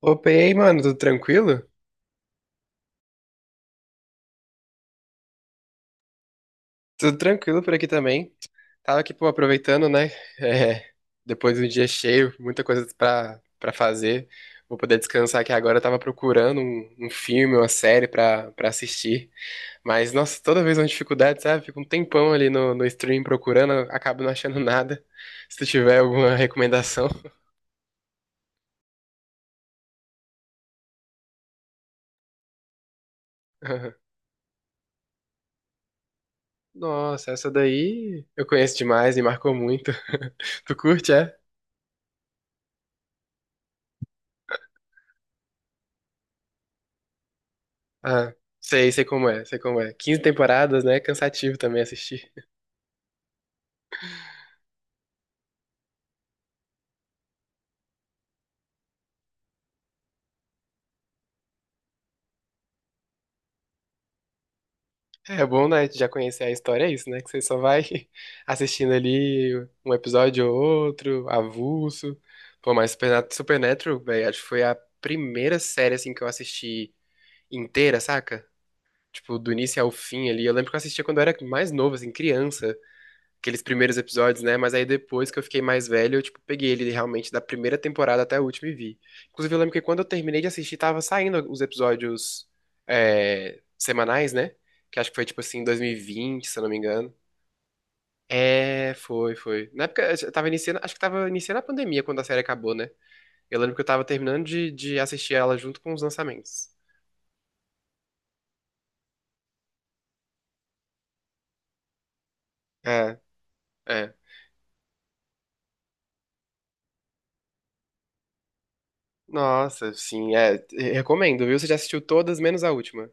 Opa, e aí, mano, tudo tranquilo? Tudo tranquilo por aqui também. Tava aqui, pô, aproveitando, né? É, depois de um dia cheio, muita coisa pra fazer. Vou poder descansar aqui agora. Eu tava procurando um filme, uma série pra assistir. Mas, nossa, toda vez é uma dificuldade, sabe? Fico um tempão ali no stream procurando, acabo não achando nada. Se tu tiver alguma recomendação. Nossa, essa daí eu conheço demais, me marcou muito. Tu curte, é? Ah, sei, sei como é, sei como é. 15 temporadas, né? Cansativo também assistir. É bom, né? Já conhecer a história, é isso, né? Que você só vai assistindo ali um episódio ou outro, avulso. Pô, mas Supernatural, velho, acho que foi a primeira série, assim, que eu assisti inteira, saca? Tipo, do início ao fim ali. Eu lembro que eu assistia quando eu era mais novo, assim, criança. Aqueles primeiros episódios, né? Mas aí depois que eu fiquei mais velho, eu, tipo, peguei ele realmente da primeira temporada até a última e vi. Inclusive, eu lembro que quando eu terminei de assistir, tava saindo os episódios é, semanais, né? Que acho que foi, tipo assim, em 2020, se eu não me engano. É, foi, foi. Na época, eu tava iniciando, acho que tava iniciando a pandemia quando a série acabou, né? Eu lembro que eu tava terminando de assistir ela junto com os lançamentos. É, é. Nossa, sim, é. Recomendo, viu? Você já assistiu todas, menos a última.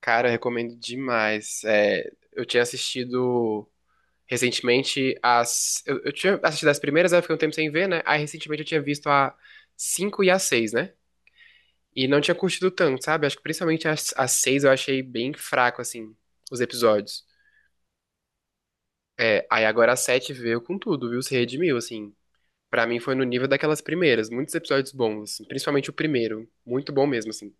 Cara, eu recomendo demais. É, eu tinha assistido recentemente as. Eu tinha assistido as primeiras, aí eu fiquei um tempo sem ver, né? Aí recentemente eu tinha visto a 5 e a 6, né? E não tinha curtido tanto, sabe? Acho que principalmente a 6 eu achei bem fraco, assim, os episódios. É, aí agora a 7 veio com tudo, viu? Se redimiu, assim. Pra mim foi no nível daquelas primeiras. Muitos episódios bons, assim. Principalmente o primeiro. Muito bom mesmo, assim.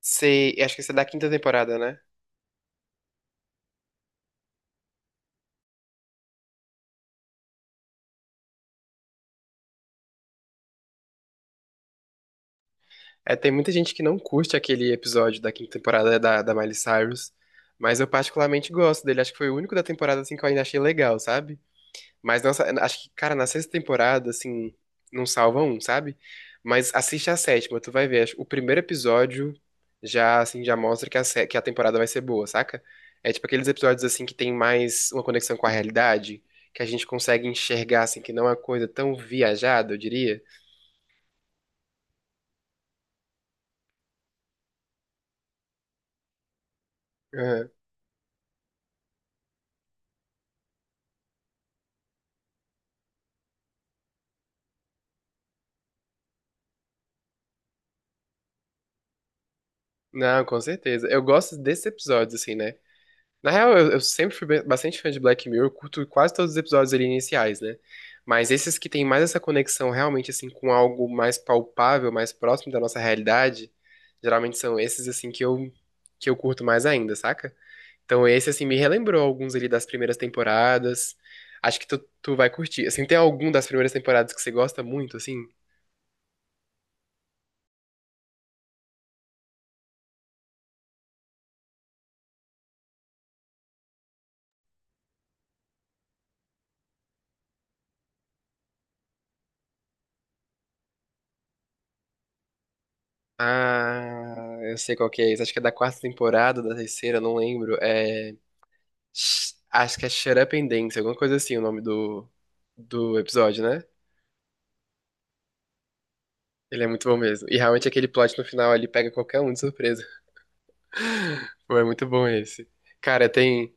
Você. Acho que esse é da quinta temporada, né? É, tem muita gente que não curte aquele episódio da quinta temporada da Miley Cyrus, mas eu particularmente gosto dele. Acho que foi o único da temporada assim que eu ainda achei legal, sabe? Mas nossa, acho que, cara, na sexta temporada, assim, não salva um, sabe? Mas assiste a sétima, tu vai ver. O primeiro episódio já, assim, já mostra que que a temporada vai ser boa, saca? É tipo aqueles episódios, assim, que tem mais uma conexão com a realidade, que a gente consegue enxergar, assim, que não é uma coisa tão viajada, eu diria. Não, com certeza. Eu gosto desses episódios, assim, né? Na real, eu sempre fui bastante fã de Black Mirror, eu curto quase todos os episódios ali iniciais, né? Mas esses que têm mais essa conexão realmente, assim, com algo mais palpável, mais próximo da nossa realidade, geralmente são esses, assim, que eu curto mais ainda, saca? Então esse, assim, me relembrou alguns ali das primeiras temporadas. Acho que tu vai curtir. Assim, tem algum das primeiras temporadas que você gosta muito, assim? Ah, eu sei qual que é esse. Acho que é da quarta temporada, da terceira, não lembro. É. Acho que é Shut Up and Dance, alguma coisa assim, o nome do episódio, né? Ele é muito bom mesmo. E realmente aquele plot no final ali pega qualquer um de surpresa. Pô, é muito bom esse. Cara, tem.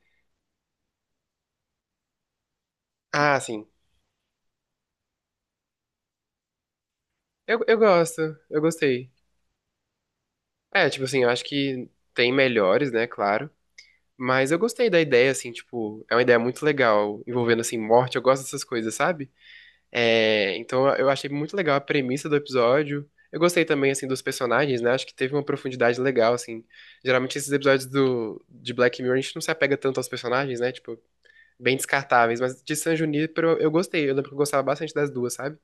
Ah, sim. Eu gosto, eu gostei. É, tipo assim, eu acho que tem melhores, né, claro. Mas eu gostei da ideia, assim, tipo, é uma ideia muito legal, envolvendo, assim, morte. Eu gosto dessas coisas, sabe? É, então eu achei muito legal a premissa do episódio. Eu gostei também, assim, dos personagens, né? Acho que teve uma profundidade legal, assim. Geralmente esses episódios de Black Mirror a gente não se apega tanto aos personagens, né? Tipo, bem descartáveis. Mas de San Junipero eu gostei. Eu lembro que eu gostava bastante das duas, sabe?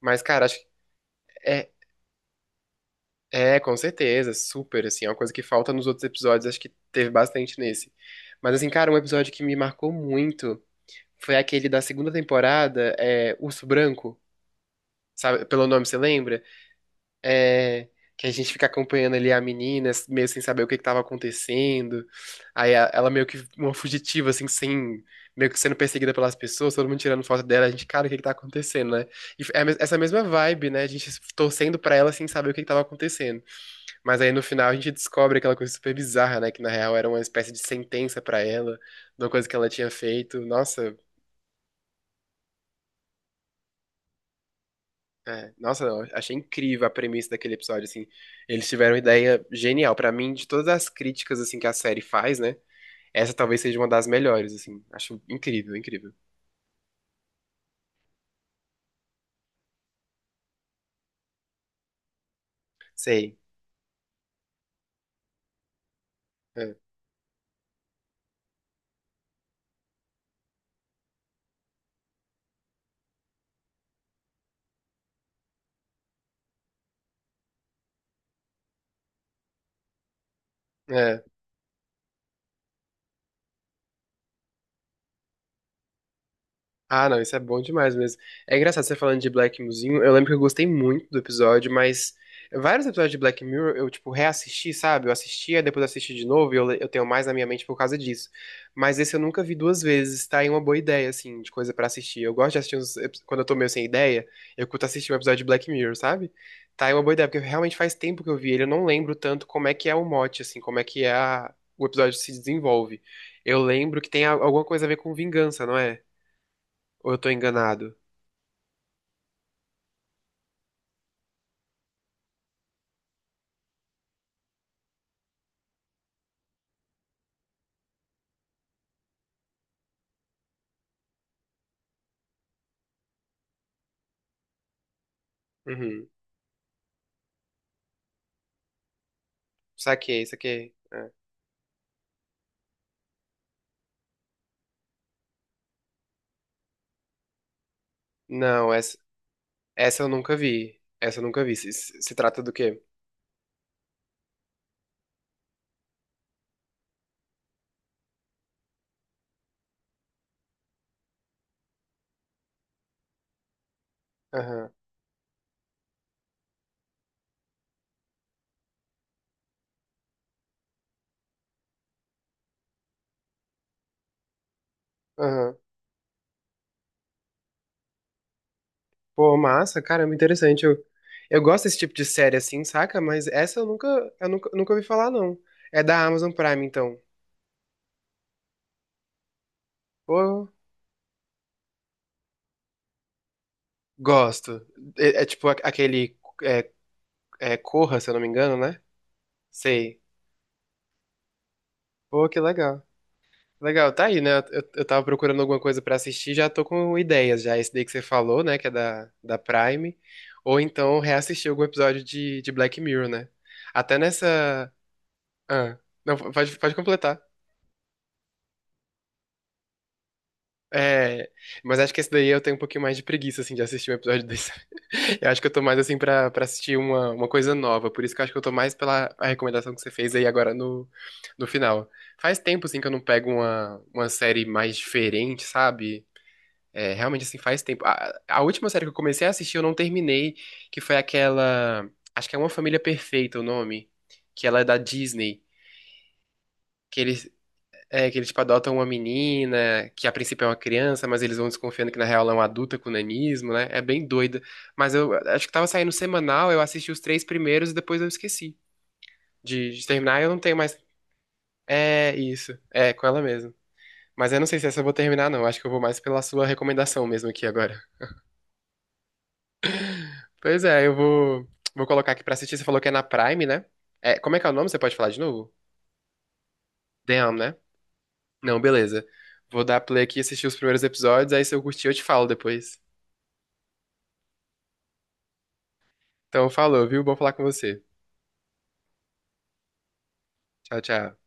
Mas, cara, acho que é, com certeza, super, assim. É uma coisa que falta nos outros episódios. Acho que teve bastante nesse. Mas, assim, cara, um episódio que me marcou muito foi aquele da segunda temporada, é, Urso Branco. Sabe, pelo nome, você lembra? É, que a gente fica acompanhando ali a menina, meio sem saber o que que tava acontecendo. Aí a- ela meio que uma fugitiva, assim, sem, meio que sendo perseguida pelas pessoas, todo mundo tirando foto dela, a gente, cara, o que que tá acontecendo, né? E é a essa mesma vibe, né? A gente torcendo pra ela sem saber o que que tava acontecendo. Mas aí no final a gente descobre aquela coisa super bizarra, né? Que na real era uma espécie de sentença pra ela, de uma coisa que ela tinha feito. Nossa, é, nossa, eu achei incrível a premissa daquele episódio, assim. Eles tiveram uma ideia genial. Pra mim, de todas as críticas, assim, que a série faz, né? Essa talvez seja uma das melhores, assim. Acho incrível, incrível. Sei. É, é. Ah, não, isso é bom demais mesmo. É engraçado você falando de Black Mirrorzinho. Eu lembro que eu gostei muito do episódio, mas vários episódios de Black Mirror eu, tipo, reassisti, sabe? Eu assistia, depois assisti de novo e eu tenho mais na minha mente por causa disso. Mas esse eu nunca vi duas vezes, tá? É uma boa ideia, assim, de coisa pra assistir. Eu gosto de assistir quando eu tô meio sem ideia, eu curto assistir um episódio de Black Mirror, sabe? Tá, é uma boa ideia, porque realmente faz tempo que eu vi ele. Eu não lembro tanto como é que é o mote, assim, como é que é o episódio se desenvolve. Eu lembro que tem alguma coisa a ver com vingança, não é? Ou eu tô enganado? Uhum. Saquei, saquei. É. Não, essa, essa eu nunca vi. Essa eu nunca vi. Se- se trata do quê? Aham, aham. Pô, massa, caramba, interessante. Eu gosto desse tipo de série assim, saca? Mas essa eu nunca, nunca ouvi falar, não. É da Amazon Prime, então. Pô, gosto. É, é tipo aquele é, é Corra, se eu não me engano, né? Sei. Pô, que legal. Legal, tá aí, né? Eu tava procurando alguma coisa pra assistir, já tô com ideias já. Esse daí que você falou, né? Que é da Prime. Ou então reassistir algum episódio de Black Mirror, né? Até nessa. Ah, não, pode completar. É, mas acho que esse daí eu tenho um pouquinho mais de preguiça, assim, de assistir um episódio desse. Eu acho que eu tô mais, assim, pra assistir uma coisa nova. Por isso que eu acho que eu tô mais pela a recomendação que você fez aí agora no final. Faz tempo, assim, que eu não pego uma série mais diferente, sabe? É, realmente, assim, faz tempo. A última série que eu comecei a assistir, eu não terminei, que foi aquela. Acho que é Uma Família Perfeita o nome. Que ela é da Disney. Que eles, que eles, tipo, adotam uma menina, que a princípio é uma criança, mas eles vão desconfiando que na real ela é uma adulta com nanismo, né? É bem doida. Mas eu acho que tava saindo semanal, eu assisti os 3 primeiros e depois eu esqueci de terminar. Eu não tenho mais. É isso. É, com ela mesmo. Mas eu não sei se essa eu vou terminar, não. Acho que eu vou mais pela sua recomendação mesmo aqui agora. Pois é, vou colocar aqui pra assistir. Você falou que é na Prime, né? É, como é que é o nome? Você pode falar de novo? Damn, né? Não, beleza. Vou dar play aqui e assistir os primeiros episódios, aí se eu curtir eu te falo depois. Então, falou, viu? Bom falar com você. Tchau, tchau.